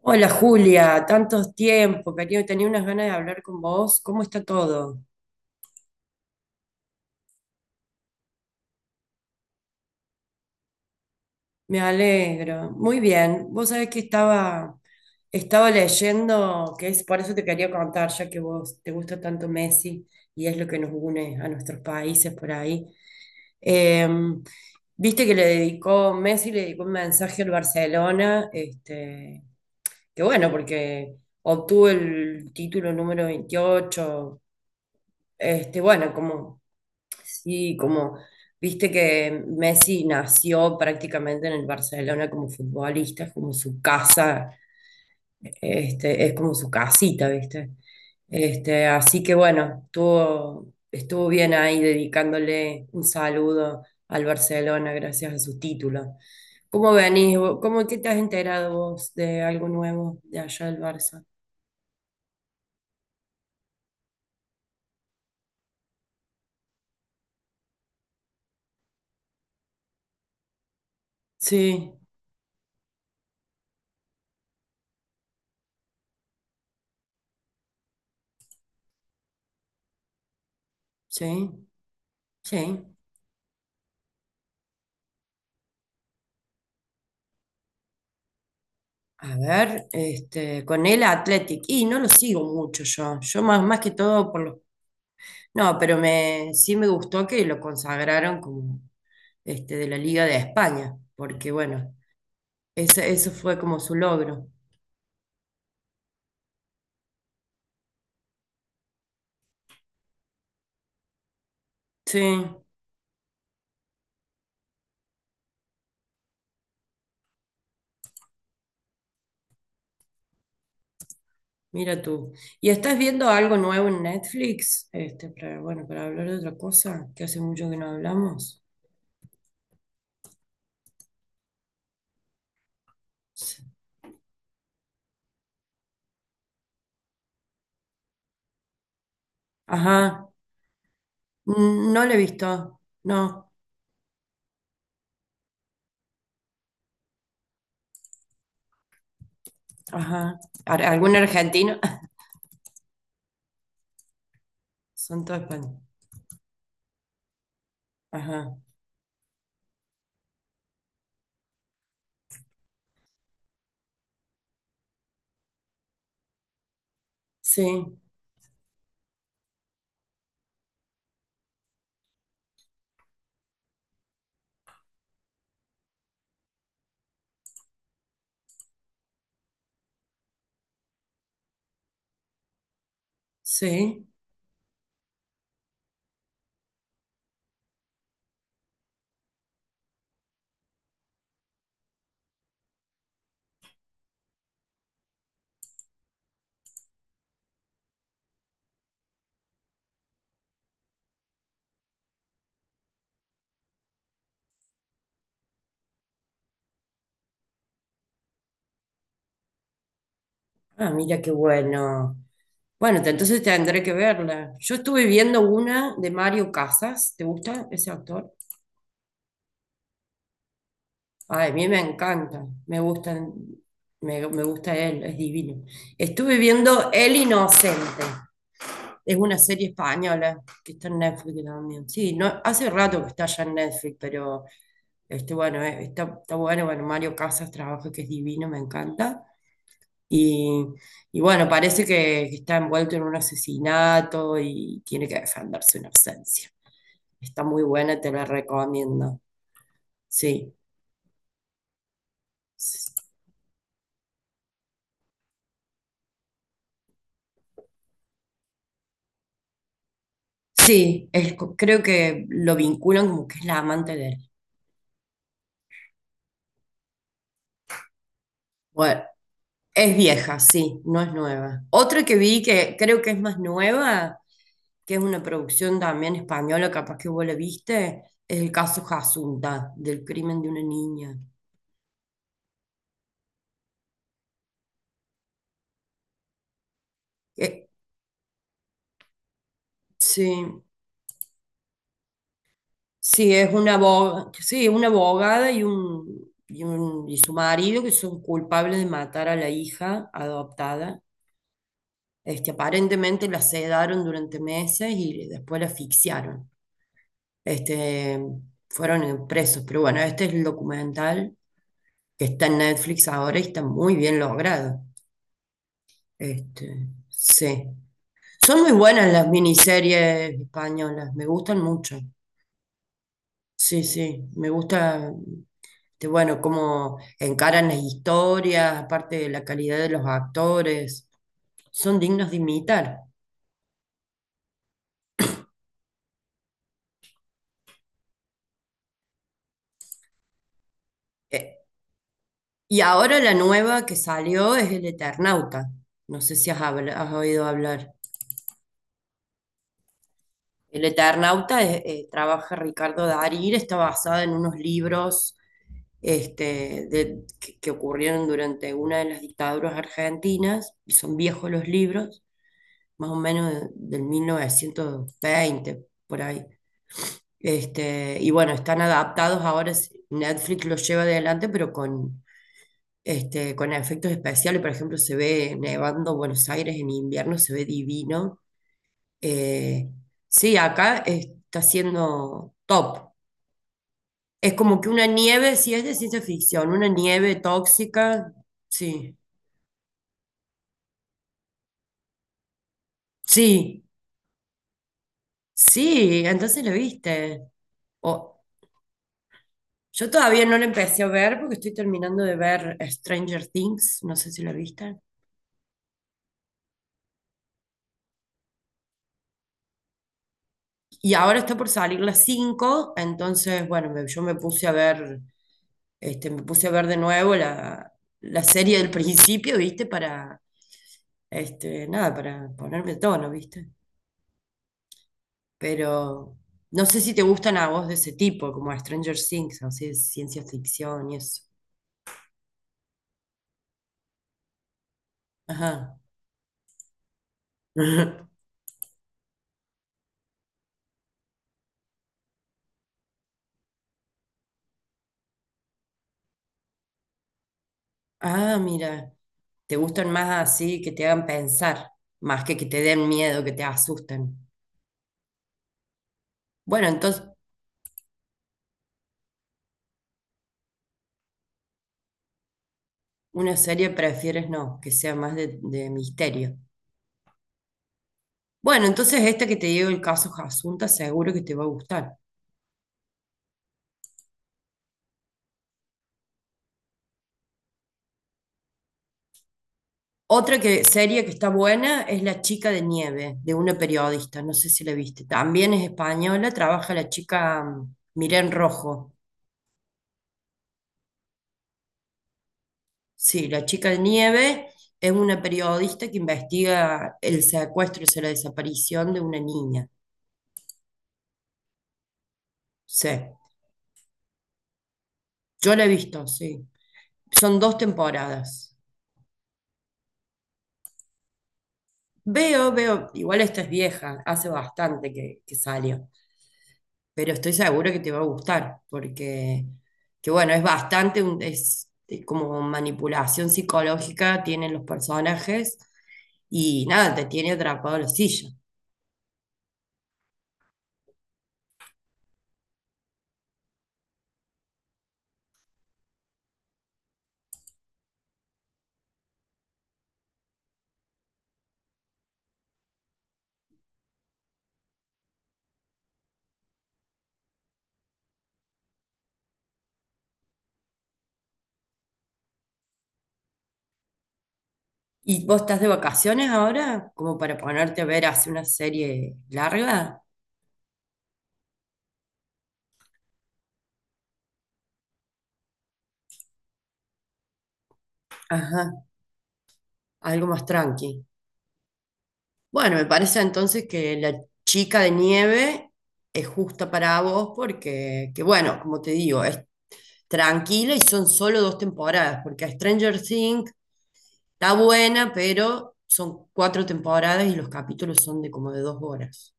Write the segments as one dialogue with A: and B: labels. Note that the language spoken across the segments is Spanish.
A: Hola Julia, tantos tiempos, cariño, tenía unas ganas de hablar con vos. ¿Cómo está todo? Me alegro. Muy bien. Vos sabés que estaba leyendo, que es por eso te quería contar, ya que vos te gusta tanto Messi y es lo que nos une a nuestros países por ahí. Eh, viste que le dedicó, Messi le dedicó un mensaje al Barcelona, este, que bueno, porque obtuvo el título número 28, este, bueno, como... Sí, como viste que Messi nació prácticamente en el Barcelona como futbolista, es como su casa, este, es como su casita, ¿viste? Este, así que bueno, estuvo bien ahí dedicándole un saludo al Barcelona gracias a su título. ¿Cómo venís vos? ¿Cómo qué te has enterado vos de algo nuevo de allá del Barça? Sí, sí, sí. A ver, este, con el Athletic. Y no lo sigo mucho yo. Yo más, más que todo por los. No, pero me, sí me gustó que lo consagraron como este, de la Liga de España, porque bueno, eso fue como su logro. Sí, mira tú. ¿Y estás viendo algo nuevo en Netflix? Este, para, bueno, para hablar de otra cosa, que hace mucho que no hablamos. Sí. Ajá, no lo he visto. No, ajá. ¿Algún argentino? Son todos españoles. Ajá. Sí, sí. Ah, mira qué bueno. Bueno, entonces tendré que verla. Yo estuve viendo una de Mario Casas. ¿Te gusta ese actor? Ay, a mí me encanta. Me gustan, me gusta él, es divino. Estuve viendo El Inocente. Es una serie española que está en Netflix también. Sí, no, hace rato que está ya en Netflix, pero este, bueno, está, está bueno. Bueno, Mario Casas trabaja, que es divino, me encanta. Y, y bueno, parece que está envuelto en un asesinato y tiene que defenderse una ausencia. Está muy buena, te la recomiendo. Sí. Sí, es creo que lo vinculan como que es la amante de él. Bueno, es vieja, sí, no es nueva. Otra que vi que creo que es más nueva, que es una producción también española, capaz que vos la viste, es el caso Jasunta, del crimen de una niña. Eh, sí. Sí, es una abogada, sí, una abogada y un, y su marido que son culpables de matar a la hija adoptada. Este, aparentemente la sedaron durante meses y después la asfixiaron. Este, fueron presos, pero bueno, este es el documental que está en Netflix ahora y está muy bien logrado. Este, sí. Son muy buenas las miniseries españolas, me gustan mucho. Sí, sí, me gusta, este, bueno, cómo encaran las historias, aparte de la calidad de los actores, son dignos de imitar. Eh, y ahora la nueva que salió es El Eternauta. No sé si has oído hablar. El Eternauta trabaja Ricardo Darín, está basada en unos libros este, que ocurrieron durante una de las dictaduras argentinas, y son viejos los libros más o menos del 1920, por ahí. Este, y bueno, están adaptados ahora, Netflix los lleva adelante, pero con, este, con efectos especiales. Por ejemplo, se ve nevando Buenos Aires en invierno, se ve divino. Eh, sí, acá está siendo top. Es como que una nieve, si es de ciencia ficción, una nieve tóxica, sí, sí, sí, entonces lo viste. O- Yo todavía no la empecé a ver porque estoy terminando de ver Stranger Things, no sé si la viste. Y ahora está por salir las 5 entonces, bueno, yo me puse a ver, este, me puse a ver de nuevo la, la serie del principio, ¿viste? Para, este, nada, para ponerme a tono, ¿viste? Pero no sé si te gustan a vos de ese tipo, como Stranger Things, así de ciencia ficción y eso. Ajá. Ah, mira, te gustan más así, que te hagan pensar, más que te den miedo, que te asusten. Bueno, entonces, una serie prefieres no, que sea más de misterio. Bueno, entonces esta que te digo, el caso Jasunta, seguro que te va a gustar. Otra que, serie que está buena es La chica de nieve, de una periodista, no sé si la viste. También es española, trabaja la chica Miren Rojo. Sí, la chica de nieve es una periodista que investiga el secuestro, o sea, la desaparición de una niña. Sí, yo la he visto, sí. Son 2 temporadas. Veo, veo, igual esta es vieja, hace bastante que salió, pero estoy segura que te va a gustar, porque, que bueno, es bastante, es como manipulación psicológica, tienen los personajes y nada, te tiene atrapado en la silla. ¿Y vos estás de vacaciones ahora? Como para ponerte a ver hace una serie larga. Ajá, algo más tranqui. Bueno, me parece entonces que la chica de nieve es justa para vos porque, que bueno, como te digo, es tranquila y son solo 2 temporadas, porque Stranger Things está buena, pero son 4 temporadas y los capítulos son de como de 2 horas.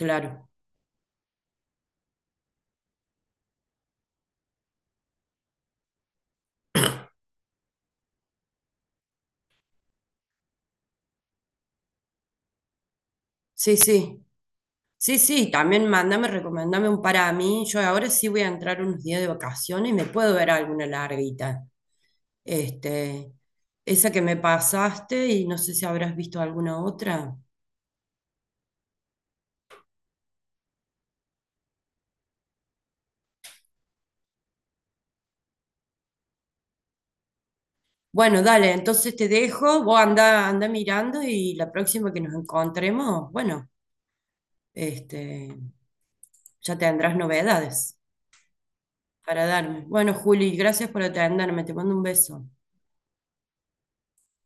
A: Claro. Sí, sí. Sí, sí, también mándame, recomendame un para mí. Yo ahora sí voy a entrar unos días de vacaciones y me puedo ver alguna larguita. Este, esa que me pasaste y no sé si habrás visto alguna otra. Bueno, dale, entonces te dejo, vos anda, anda mirando y la próxima que nos encontremos, bueno, este, ya tendrás novedades para darme. Bueno, Juli, gracias por atenderme, te mando un beso.